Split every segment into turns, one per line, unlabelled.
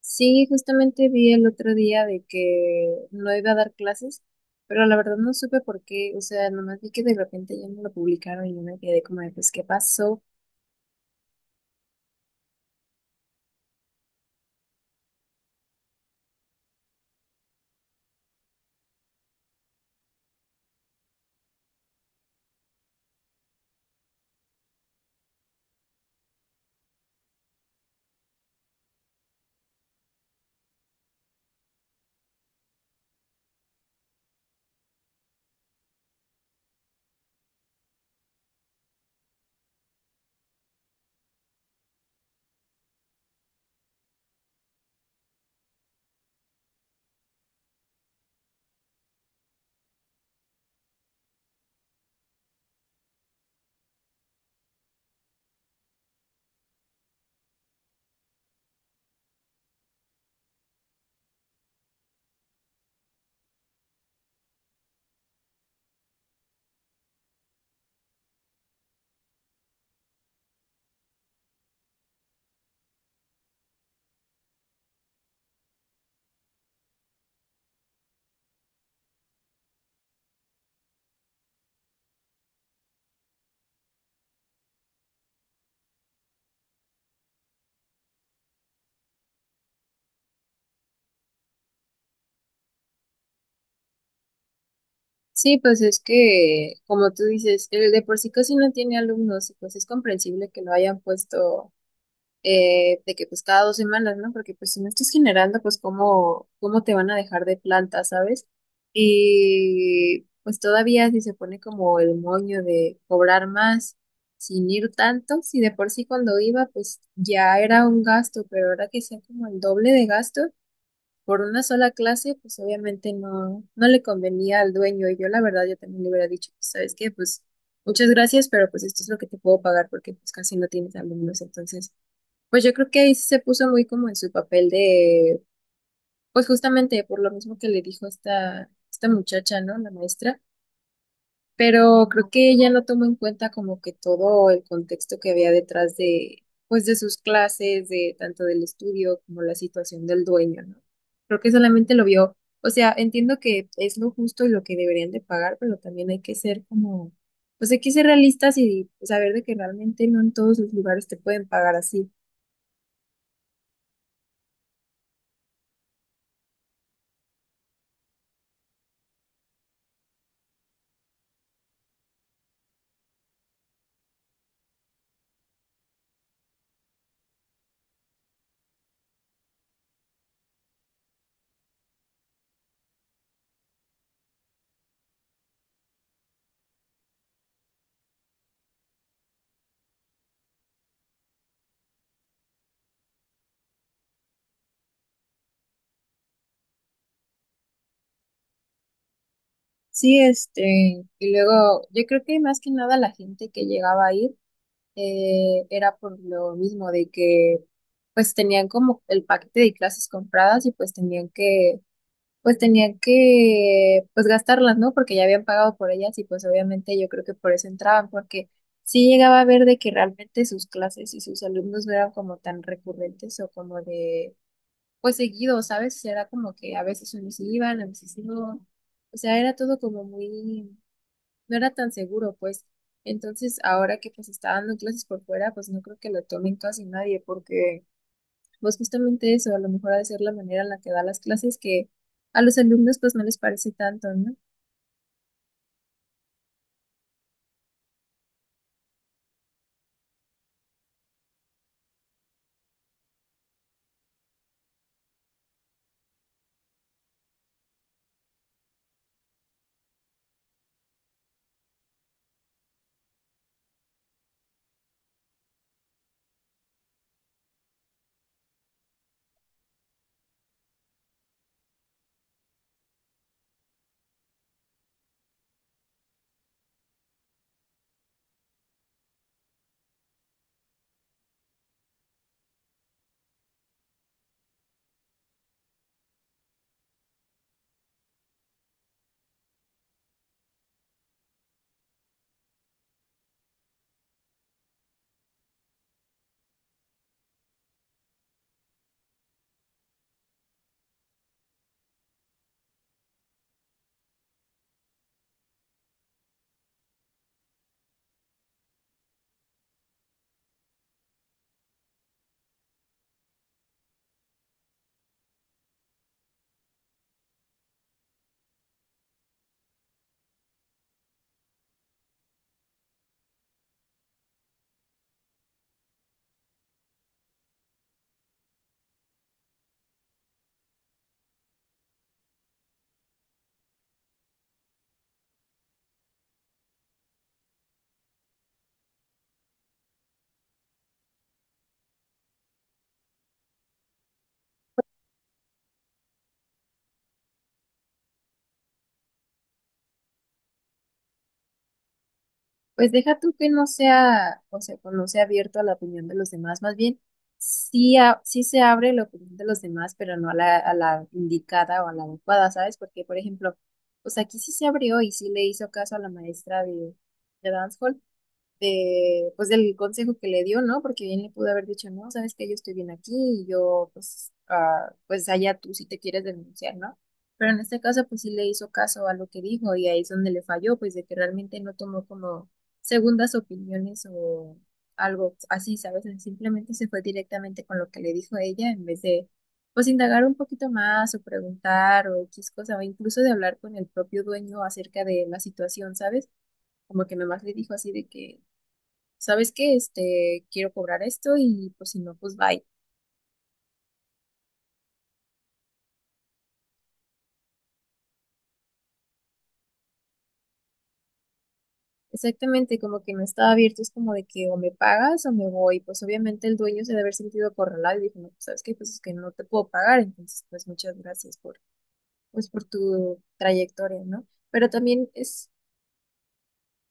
Sí, justamente vi el otro día de que no iba a dar clases, pero la verdad no supe por qué, o sea, nomás vi que de repente ya no lo publicaron y yo me quedé como de, pues, ¿qué pasó? Sí, pues es que, como tú dices, el de por sí casi no tiene alumnos y pues es comprensible que lo hayan puesto, de que pues cada dos semanas, ¿no? Porque pues si no estás generando, pues cómo te van a dejar de planta, ¿sabes? Y pues todavía si se pone como el moño de cobrar más sin ir tanto, si de por sí cuando iba pues ya era un gasto, pero ahora que sea como el doble de gasto por una sola clase, pues obviamente no, no le convenía al dueño, y yo la verdad yo también le hubiera dicho, pues, ¿sabes qué? Pues muchas gracias, pero pues esto es lo que te puedo pagar porque pues casi no tienes alumnos, entonces pues yo creo que ahí sí se puso muy como en su papel de, pues justamente por lo mismo que le dijo esta muchacha, ¿no? La maestra. Pero creo que ella no tomó en cuenta como que todo el contexto que había detrás de, pues de sus clases, de tanto del estudio como la situación del dueño, ¿no? Creo que solamente lo vio, o sea, entiendo que es lo justo y lo que deberían de pagar, pero también hay que ser como, pues hay que ser realistas y saber de que realmente no en todos los lugares te pueden pagar así. Sí, y luego yo creo que más que nada la gente que llegaba a ir, era por lo mismo de que pues tenían como el paquete de clases compradas y pues tenían que pues gastarlas, ¿no? Porque ya habían pagado por ellas, y pues obviamente yo creo que por eso entraban, porque sí llegaba a ver de que realmente sus clases y sus alumnos no eran como tan recurrentes o como de, pues seguido, ¿sabes? Era como que a veces unos iban, a veces no. O sea, era todo como muy, no era tan seguro, pues. Entonces, ahora que pues está dando clases por fuera, pues no creo que lo tomen casi nadie, porque pues justamente eso, a lo mejor ha de ser la manera en la que da las clases, que a los alumnos pues no les parece tanto, ¿no? Pues deja tú que no sea, o sea, pues, no sea abierto a la opinión de los demás, más bien sí, sí se abre la opinión de los demás, pero no a la indicada o a la adecuada, ¿sabes? Porque, por ejemplo, pues aquí sí se abrió y sí le hizo caso a la maestra de Dance hall, de, pues del consejo que le dio, ¿no? Porque bien le pudo haber dicho, no, sabes que yo estoy bien aquí y yo, pues, ah, pues allá tú si te quieres denunciar, ¿no? Pero en este caso, pues sí le hizo caso a lo que dijo, y ahí es donde le falló, pues de que realmente no tomó como segundas opiniones o algo así, ¿sabes? Simplemente se fue directamente con lo que le dijo ella, en vez de, pues, indagar un poquito más o preguntar o X cosa, o incluso de hablar con el propio dueño acerca de la situación, ¿sabes? Como que nomás le dijo así de que ¿sabes qué? Quiero cobrar esto, y pues si no, pues bye. Exactamente, como que no estaba abierto, es como de que o me pagas o me voy. Pues obviamente el dueño se debe haber sentido acorralado y dijo, no, pues ¿sabes qué? Pues es que no te puedo pagar, entonces pues muchas gracias por, pues por tu trayectoria, ¿no? Pero también es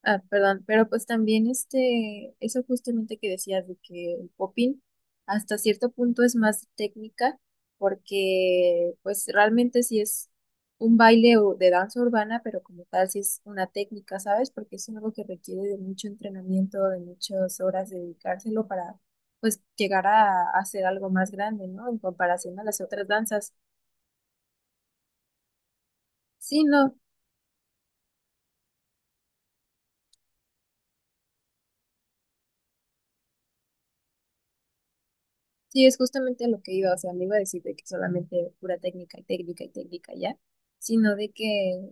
Ah, perdón, pero pues también eso justamente que decías de que el popping hasta cierto punto es más técnica, porque pues realmente sí es un baile o de danza urbana, pero como tal sí es una técnica, ¿sabes? Porque es algo que requiere de mucho entrenamiento, de muchas horas de dedicárselo para pues llegar a hacer algo más grande, ¿no? En comparación a las otras danzas. Sí, no. Sí, es justamente a lo que iba, o sea, no iba a decir de que solamente pura técnica y técnica y técnica ya, sino de que,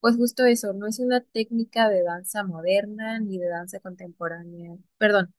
pues justo eso, no es una técnica de danza moderna ni de danza contemporánea, perdón,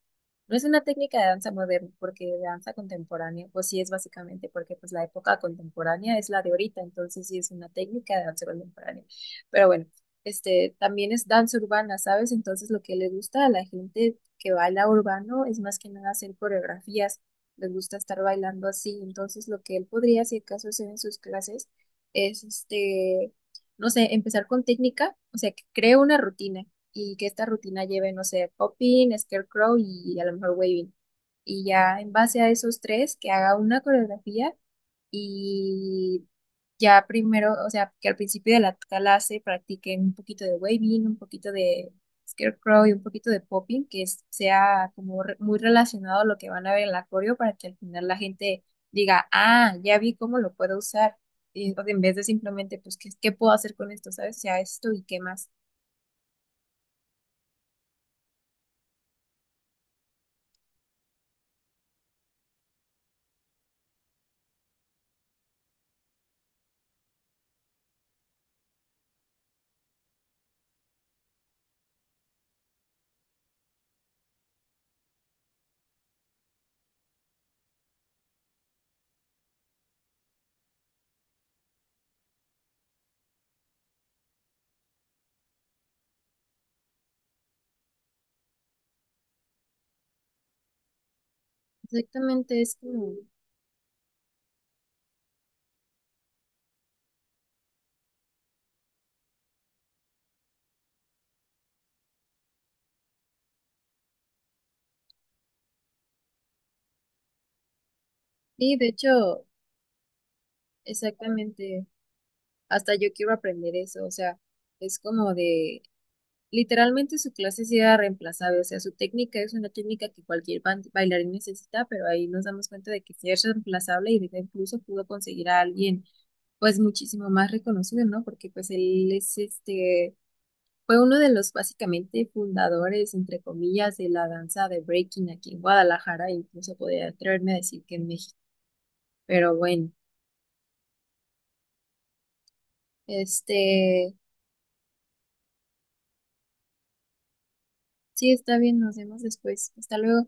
no es una técnica de danza moderna, porque de danza contemporánea, pues sí es básicamente, porque pues la época contemporánea es la de ahorita, entonces sí es una técnica de danza contemporánea. Pero bueno, este también es danza urbana, ¿sabes? Entonces lo que le gusta a la gente que baila urbano es más que nada hacer coreografías, les gusta estar bailando así, entonces lo que él podría, si acaso, hacer en sus clases es, no sé, empezar con técnica, o sea, que cree una rutina, y que esta rutina lleve, no sé, popping, scarecrow y a lo mejor waving. Y ya en base a esos tres, que haga una coreografía, y ya primero, o sea, que al principio de la clase practiquen un poquito de waving, un poquito de scarecrow y un poquito de popping, que sea como muy relacionado a lo que van a ver en la coreo, para que al final la gente diga, ah, ya vi cómo lo puedo usar. Y, o sea, en vez de simplemente, pues, ¿qué, qué puedo hacer con esto? ¿Sabes? O sea, esto y qué más. Exactamente, es como, sí, de hecho, exactamente, hasta yo quiero aprender eso, o sea, es como de, literalmente su clase sí era reemplazable, o sea, su técnica es una técnica que cualquier bailarín necesita, pero ahí nos damos cuenta de que sí es reemplazable y de que incluso pudo conseguir a alguien, pues, muchísimo más reconocido, ¿no? Porque, pues, él es, fue uno de los, básicamente, fundadores, entre comillas, de la danza de breaking aquí en Guadalajara, e incluso podría atreverme a decir que en México. Pero bueno. Este, sí, está bien, nos vemos después. Hasta luego.